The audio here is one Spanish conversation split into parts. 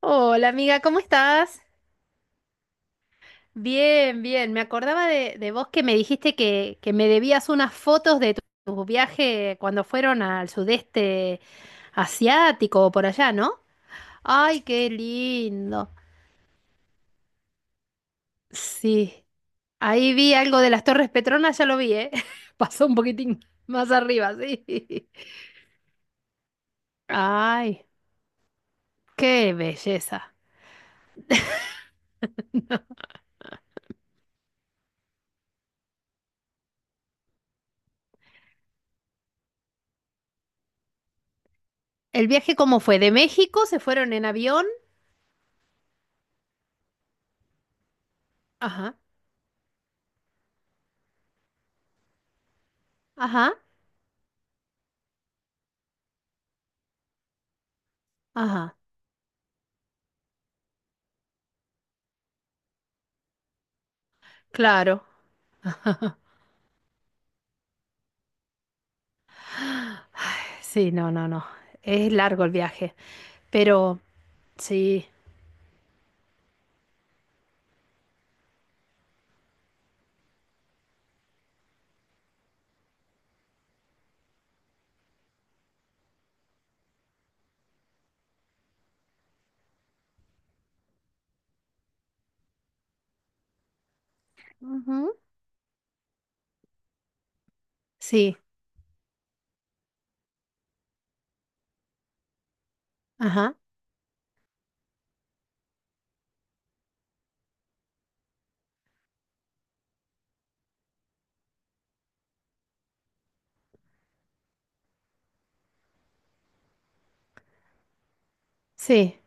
Hola amiga, ¿cómo estás? Bien, bien. Me acordaba de vos que me dijiste que me debías unas fotos de tu viaje cuando fueron al sudeste asiático o por allá, ¿no? Ay, qué lindo. Sí, ahí vi algo de las Torres Petronas, ya lo vi, ¿eh? Pasó un poquitín más arriba, sí. Ay, qué belleza. ¿El viaje cómo fue? ¿De México se fueron en avión? Ajá, ajá, ajá. Claro. Sí, no, no, no. Es largo el viaje, pero sí. Ujú. Sí, ajá, sí,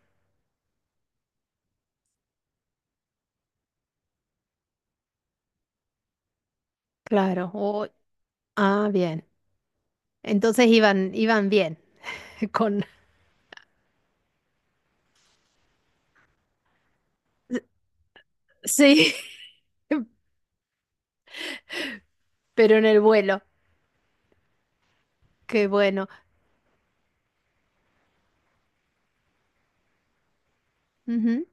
claro. O ah, bien. Entonces iban, iban bien. Con, sí. Pero en el vuelo. Qué bueno. Ujú.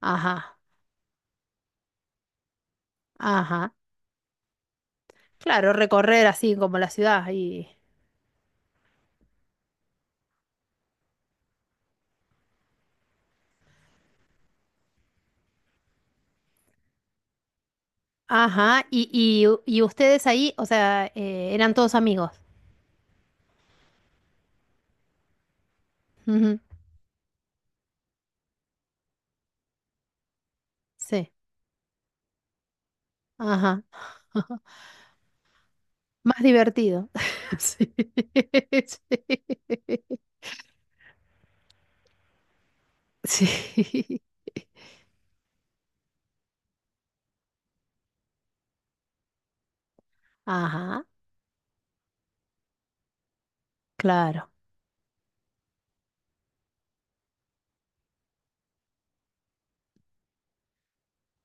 Ajá, ajá. Claro, recorrer así como la ciudad y, ajá. Y ustedes ahí, o sea, eran todos amigos. Ujú. Sí, ajá. Más divertido. Sí. Sí. Sí. Ajá, claro.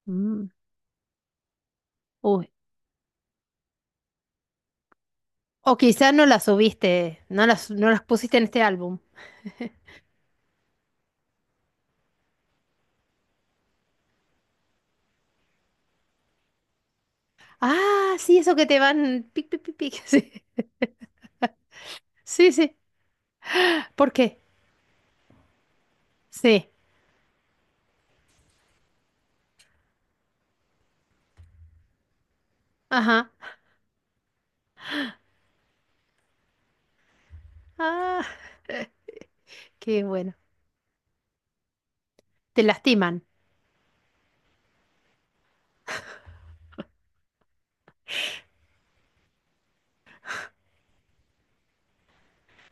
Mm. Uy. O quizás no las subiste, no las, no las pusiste en este álbum. Ah, sí, eso que te van pic, pic, pic, pic. Sí, sí, sí. ¿Por qué? Sí. Ajá. Ah, qué bueno. Te lastiman.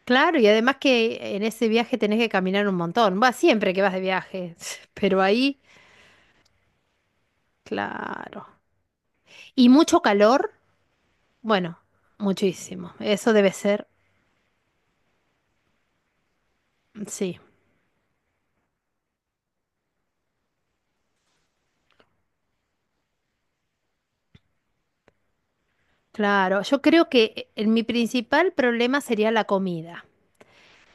Claro, y además que en ese viaje tenés que caminar un montón. Va siempre que vas de viaje, pero ahí, claro. ¿Y mucho calor? Bueno, muchísimo. Eso debe ser, sí, claro. Yo creo que mi principal problema sería la comida,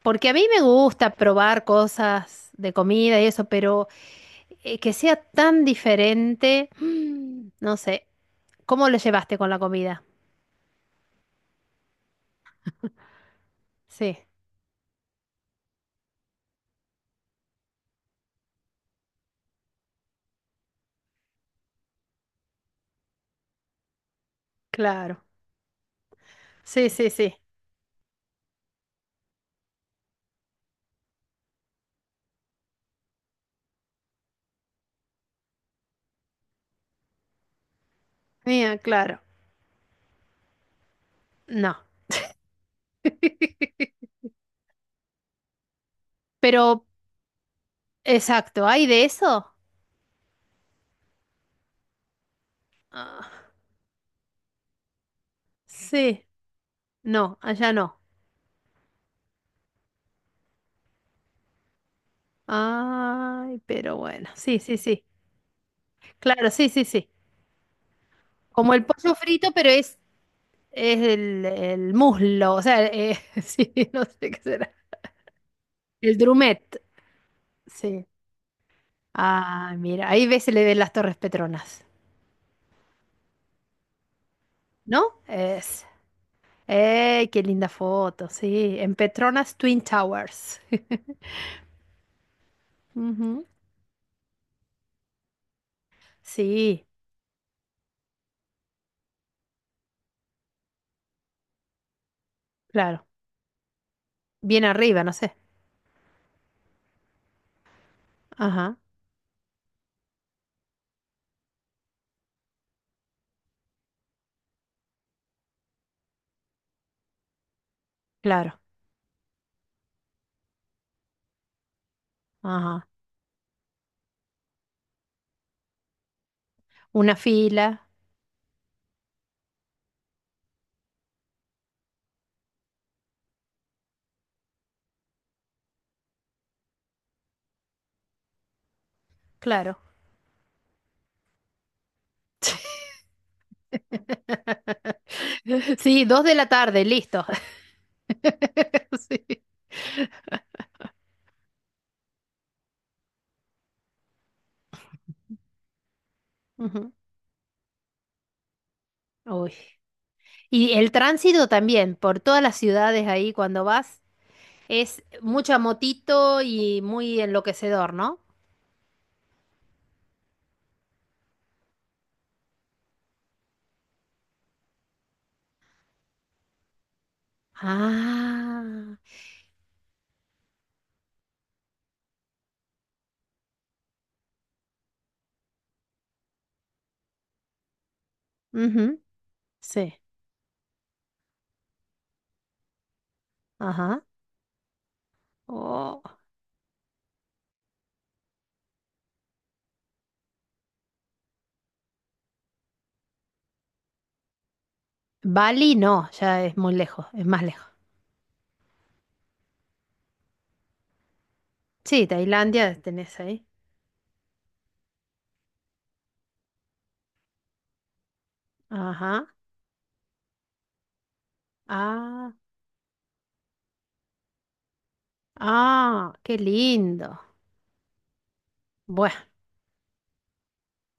porque a mí me gusta probar cosas de comida y eso, pero que sea tan diferente, mm, no sé. ¿Cómo lo llevaste con la comida? Sí, claro. Sí, sí, sí. Mía, claro. No. Pero, exacto, ¿hay de eso? Ah, sí, no, allá no. Ay, pero bueno, sí, sí, sí. Claro, sí, sí, sí. Como el pollo frito, pero es el muslo, o sea, sí, no sé qué será. El drumet, sí. Ah, mira, ahí ves, se le ven las Torres Petronas, ¿no? Es. ¡Ey, qué linda foto! Sí, en Petronas Twin Towers. Ujú. Sí, claro. Bien arriba, no sé. Ajá, claro. Ajá. Una fila, claro. Sí, dos de la tarde, listo. Sí. Ujú. Uy. Y el tránsito también, por todas las ciudades ahí cuando vas, es mucha motito y muy enloquecedor, ¿no? Ah, ujú. Sí, ajá. Oh. Bali no, ya es muy lejos, es más lejos. Sí, Tailandia tenés ahí. Ajá. Ah, ah, qué lindo. Bueno.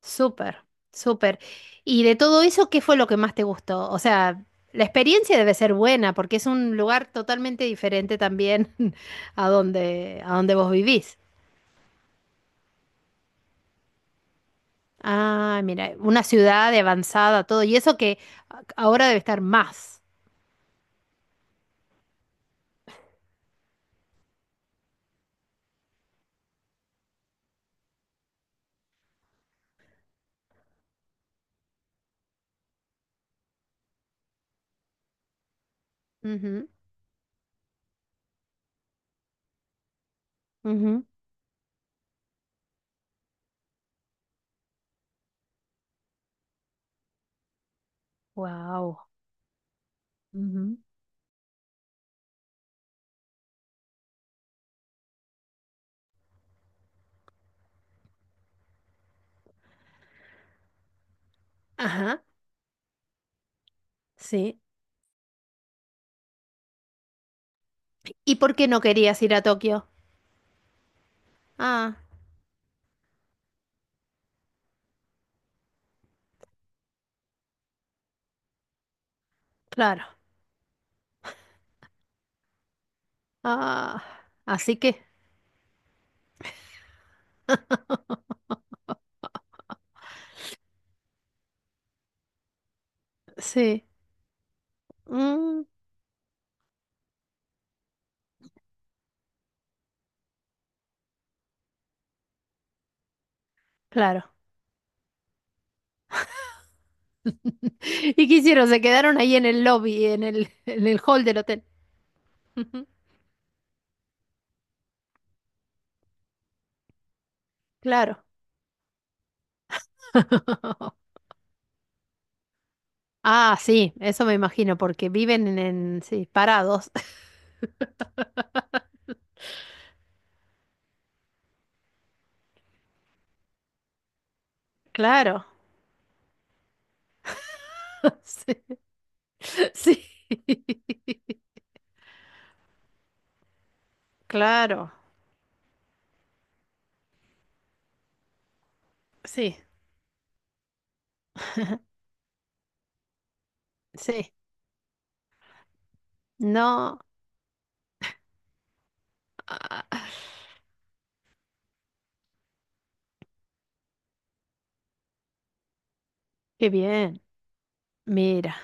Súper, súper. ¿Y de todo eso, qué fue lo que más te gustó? O sea, la experiencia debe ser buena porque es un lugar totalmente diferente también a donde vos vivís. Ah, mira, una ciudad de avanzada, todo. Y eso que ahora debe estar más. Wow. Ajá, sí. ¿Y por qué no querías ir a Tokio? Ah, claro. Ah, así que, sí. Mm, claro. ¿Y qué hicieron? Se quedaron ahí en el lobby, en el hall del hotel. Ujú. Claro. Ah, sí, eso me imagino, porque viven en- sí, parados. Claro. Sí. Sí. Claro. Sí, sí. No. Ah, qué bien. Mira,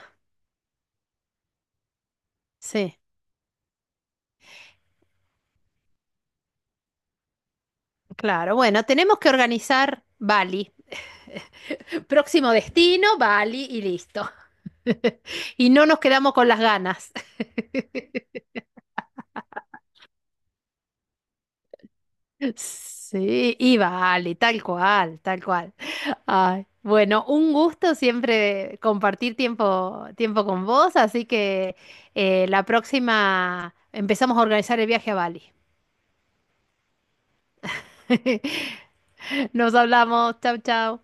sí. Claro, bueno, tenemos que organizar Bali. Próximo destino, Bali y listo. Y no nos quedamos con las ganas. Sí, y Bali, tal cual, tal cual. Ay, bueno, un gusto siempre compartir tiempo, tiempo con vos, así que la próxima empezamos a organizar el viaje a Bali. Nos hablamos, chau, chau.